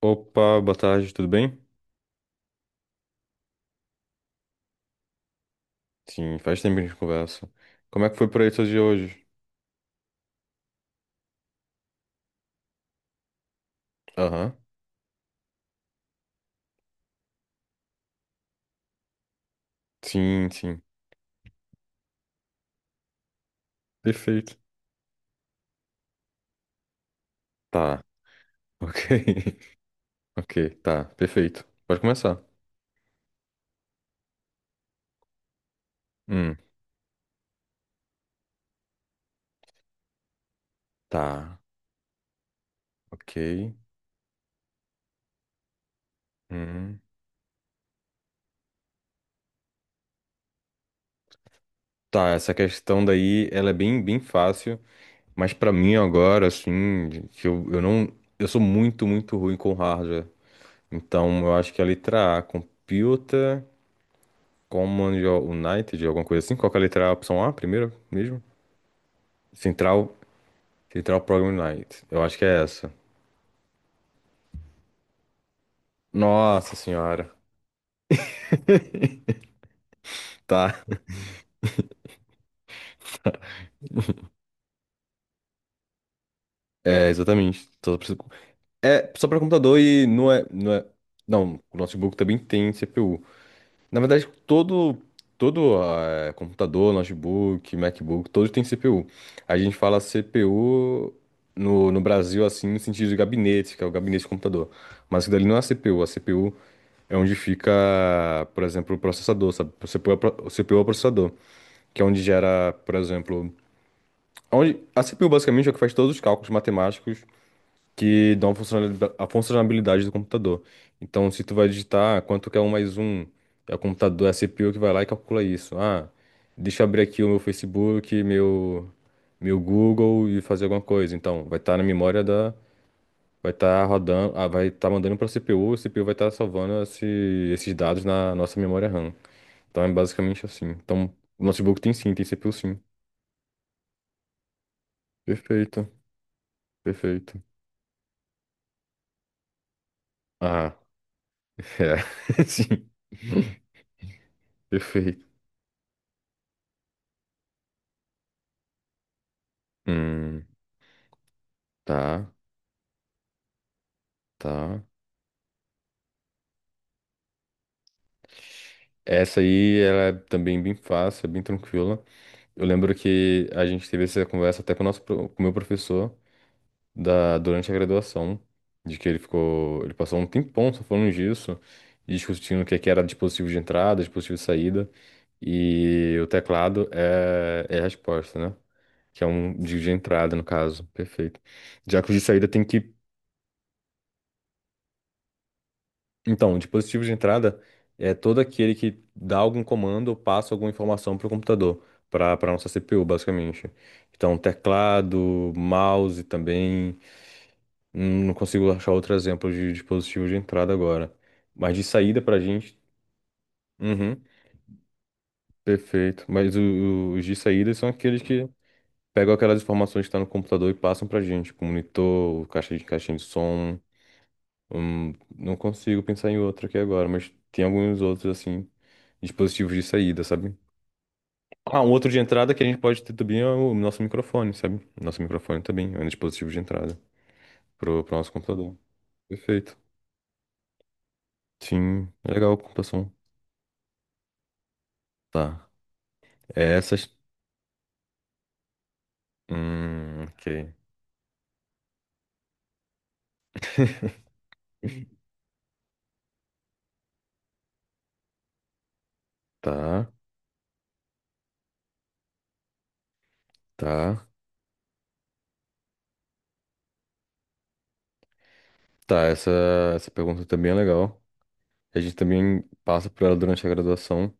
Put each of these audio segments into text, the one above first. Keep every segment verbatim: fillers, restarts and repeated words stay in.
Opa, boa tarde, tudo bem? Sim, faz tempo que a gente conversa. Como é que foi por aí seus dia hoje? Aham. Sim, sim. Perfeito. Tá, ok. Ok, tá, perfeito. Pode começar. Hum, tá, ok. Hum. Tá, essa questão daí, ela é bem, bem fácil, mas pra mim agora, assim, de- que eu, eu não, eu sou muito, muito ruim com hardware. Então, eu acho que a letra A, Computer Command United, alguma coisa assim, qual que é a letra A, opção A primeiro mesmo? Central, Central Program Night. Eu acho que é essa. Nossa senhora. Tá. É, exatamente. Só pra- É só para computador e não é, não é. Não, o notebook também tem C P U. Na verdade, todo, todo eh, computador, notebook, MacBook, todos têm C P U. A gente fala C P U no, no Brasil, assim, no sentido de gabinete, que é o gabinete de computador. Mas isso dali não é C P U. A C P U é onde fica, por exemplo, o processador, sabe? O C P U é o pro- o C P U é o processador, que é onde gera, por exemplo, onde a C P U basicamente é o que faz todos os cálculos matemáticos que dão a funcionalidade, a funcionalidade do computador. Então, se tu vai digitar ah, quanto que é um mais um, é o computador, é a C P U que vai lá e calcula isso. Ah, deixa eu abrir aqui o meu Facebook, meu meu Google e fazer alguma coisa. Então, vai estar na memória da, vai estar rodando, ah, vai estar mandando para a C P U, a C P U vai estar salvando esse- esses dados na nossa memória RAM. Então é basicamente assim. Então, o notebook tem sim, tem C P U sim. Perfeito. Perfeito. Ah, é. Sim. Perfeito. Hum, tá, tá. Essa aí, ela é também bem fácil, é bem tranquila. Eu lembro que a gente teve essa conversa até com o nosso, pro- com o meu professor da, durante a graduação, de que ele ficou, ele passou um tempão só falando disso, e discutindo o que é que era dispositivo de entrada, dispositivo de saída, e o teclado é, é a resposta, né? Que é um de de entrada, no caso. Perfeito. Já que o de saída tem que. Então, o dispositivo de entrada é todo aquele que dá algum comando ou passa alguma informação para o computador, para para nossa C P U, basicamente. Então, teclado, mouse também. Hum, Não consigo achar outro exemplo de dispositivo de entrada agora. Mas de saída para a gente. Uhum, perfeito. Mas o- o- os de saída são aqueles que pegam aquelas informações que estão no computador e passam para a gente, tipo monitor, caixa de caixinha de som. Hum, não consigo pensar em outro aqui agora, mas tem alguns outros, assim, dispositivos de saída, sabe? Ah, um outro de entrada que a gente pode ter também é o nosso microfone, sabe? Nosso microfone também é um dispositivo de entrada pro, pro nosso computador. Perfeito. Sim, é legal a computação. Tá. Essas. Hum, ok. Tá, tá. Tá, essa, essa pergunta também é legal. A gente também passa por ela durante a graduação.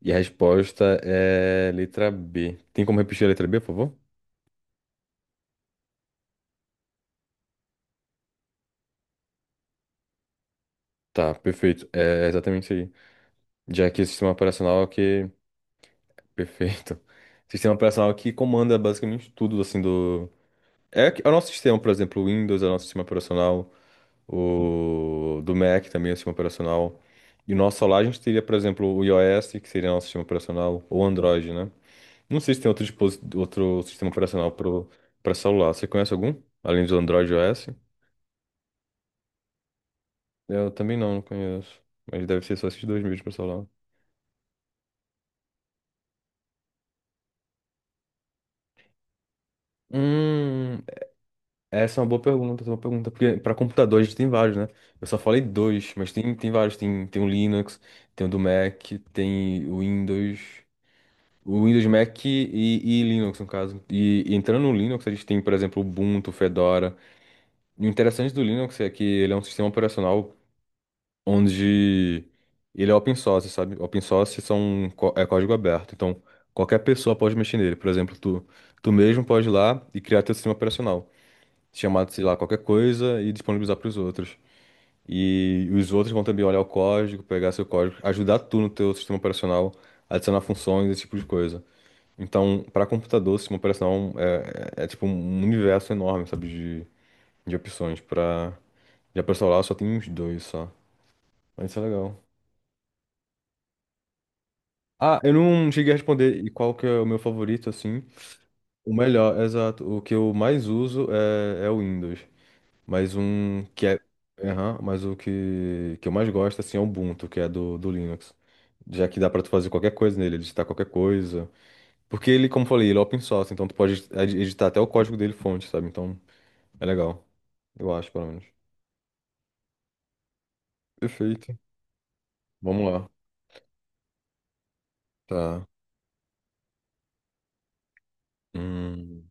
E a resposta é letra B. Tem como repetir a letra B, por favor? Tá, perfeito. É exatamente isso aí. Já que o sistema operacional é que. Perfeito. Sistema operacional que comanda basicamente tudo, assim, do. É, que- é o nosso sistema, por exemplo, o Windows é o nosso sistema operacional, o do Mac também é o sistema operacional. E o nosso celular a gente teria, por exemplo, o iOS, que seria nosso sistema operacional, ou Android, né? Não sei se tem outro, dispos... outro sistema operacional pro... pra celular. Você conhece algum? Além do Android e iOS? Eu também não, não conheço. Mas deve ser só esses dois mesmo pra celular. Hum, Essa é uma boa pergunta, essa é uma boa pergunta, porque para computador a gente tem vários, né? Eu só falei dois, mas tem, tem vários, tem, tem o Linux, tem o do Mac, tem o Windows, o Windows Mac e, e Linux, no caso. E, e entrando no Linux, a gente tem, por exemplo, Ubuntu, Fedora. E o interessante do Linux é que ele é um sistema operacional onde ele é open source, sabe? Open source são, có- é código aberto, então qualquer pessoa pode mexer nele. Por exemplo, tu, tu mesmo pode ir lá e criar teu sistema operacional, chamar, sei lá, qualquer coisa e disponibilizar para os outros. E os outros vão também olhar o código, pegar seu código, ajudar tu no teu sistema operacional, adicionar funções, esse tipo de coisa. Então, para computador, o sistema operacional é, é, é tipo um universo enorme, sabe, de, de opções. Para já para celular só tem uns dois só. Mas isso é legal. Ah, eu não cheguei a responder e qual que é o meu favorito, assim. O melhor, exato. O que eu mais uso é, é o Windows. Mas um que é. Aham, mas o que, que eu mais gosto assim, é o Ubuntu, que é do, do Linux. Já que dá pra tu fazer qualquer coisa nele, editar qualquer coisa. Porque ele, como eu falei, ele é open source, então tu pode edi- editar até o código dele fonte, sabe? Então é legal. Eu acho, pelo menos. Perfeito. Vamos lá. Tá. Hum,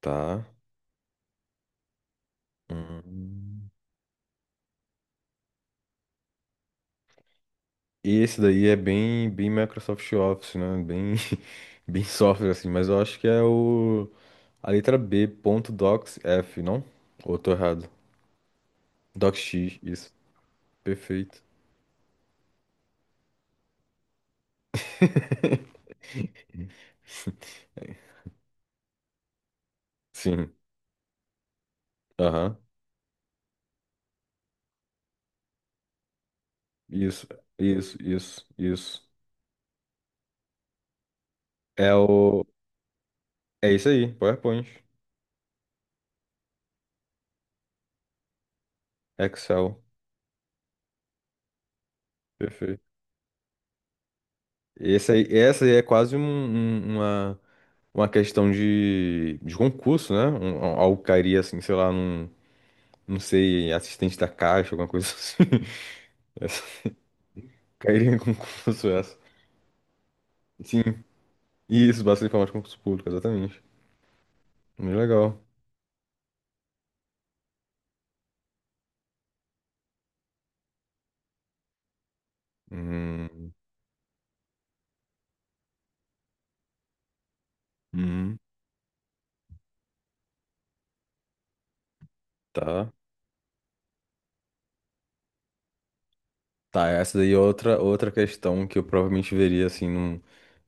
tá. Hum. E esse daí é bem, bem Microsoft Office, né? Bem, bem software, assim, mas eu acho que é o. A letra B ponto Docs F não? Ou eu tô errado? DocX, isso. Perfeito. Sim. Aham. Isso, isso, isso, isso. É o. É isso aí, PowerPoint. Excel. Perfeito. Esse aí, essa aí é quase um- um- uma, uma questão de, de concurso, né? Um, um- algo cairia assim, sei lá, num, não sei, assistente da caixa, alguma coisa assim. Essa, cairia em concurso essa. Sim, isso, basta informar de concurso público, exatamente. Muito legal. Hum, hum, tá. Tá, essa daí é outra, outra questão que eu provavelmente veria, assim, num,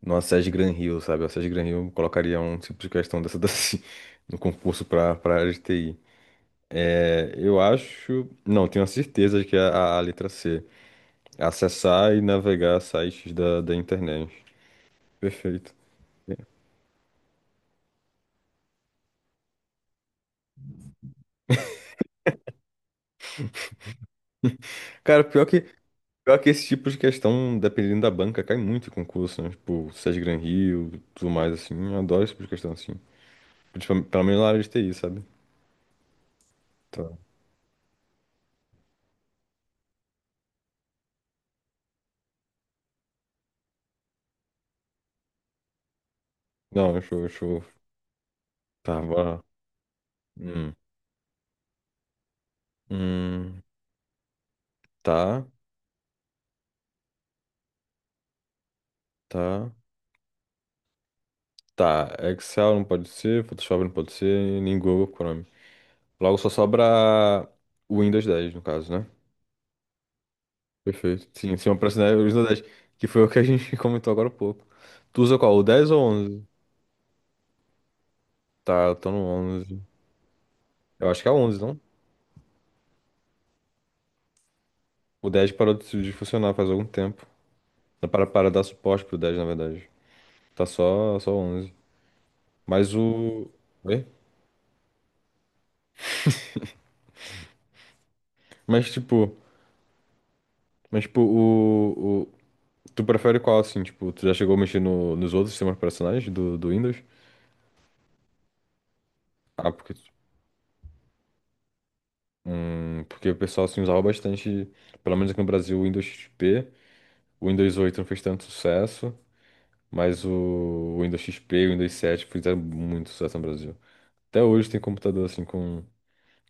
numa S E S Gran Rio, sabe? A S E S Gran Rio colocaria um tipo de questão dessa daí no concurso para para área de T I. É, eu acho... Não, tenho a certeza de que é a, a letra C. Acessar e navegar sites da, da internet. Perfeito. Cara, pior que, pior que esse tipo de questão, dependendo da banca, cai muito em concurso, né? Tipo, S E S Gran Rio, tudo mais, assim. Eu adoro esse tipo de questão, assim. Principalmente, pelo menos na área de T I, sabe? Tá. Não, show, show. Tá, bora. Hum, hum, tá, tá, tá. Excel não pode ser, Photoshop não pode ser, nem Google Chrome. Logo só sobra o Windows dez, no caso, né? Perfeito. Sim, sim, eu pressionei o Windows dez, que foi o que a gente comentou agora há pouco. Tu usa qual, o dez ou o onze? Tá, eu tô no onze. Eu acho que é o onze, não? O dez parou de de funcionar faz algum tempo. Dá Para, para dar suporte pro dez, na verdade. Tá só, só o onze. Mas o... Oi? Mas tipo... Mas tipo, o, tu prefere qual, assim, tipo, tu já chegou a mexer no- nos outros sistemas operacionais do, do Windows? Ah, porque, hum, porque o pessoal, assim, usava bastante, pelo menos aqui no Brasil, o Windows X P. O Windows oito não fez tanto sucesso, mas o Windows X P e o Windows sete fizeram muito sucesso no Brasil. Até hoje tem computador, assim, com,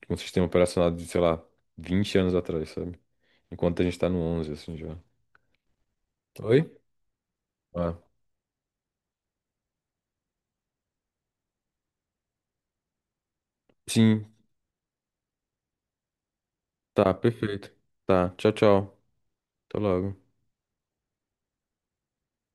com um sistema operacional de, sei lá, vinte anos atrás, sabe? Enquanto a gente tá no onze assim, já. Oi? Ah, sim, tá, perfeito. Tá, tchau, tchau. Até logo.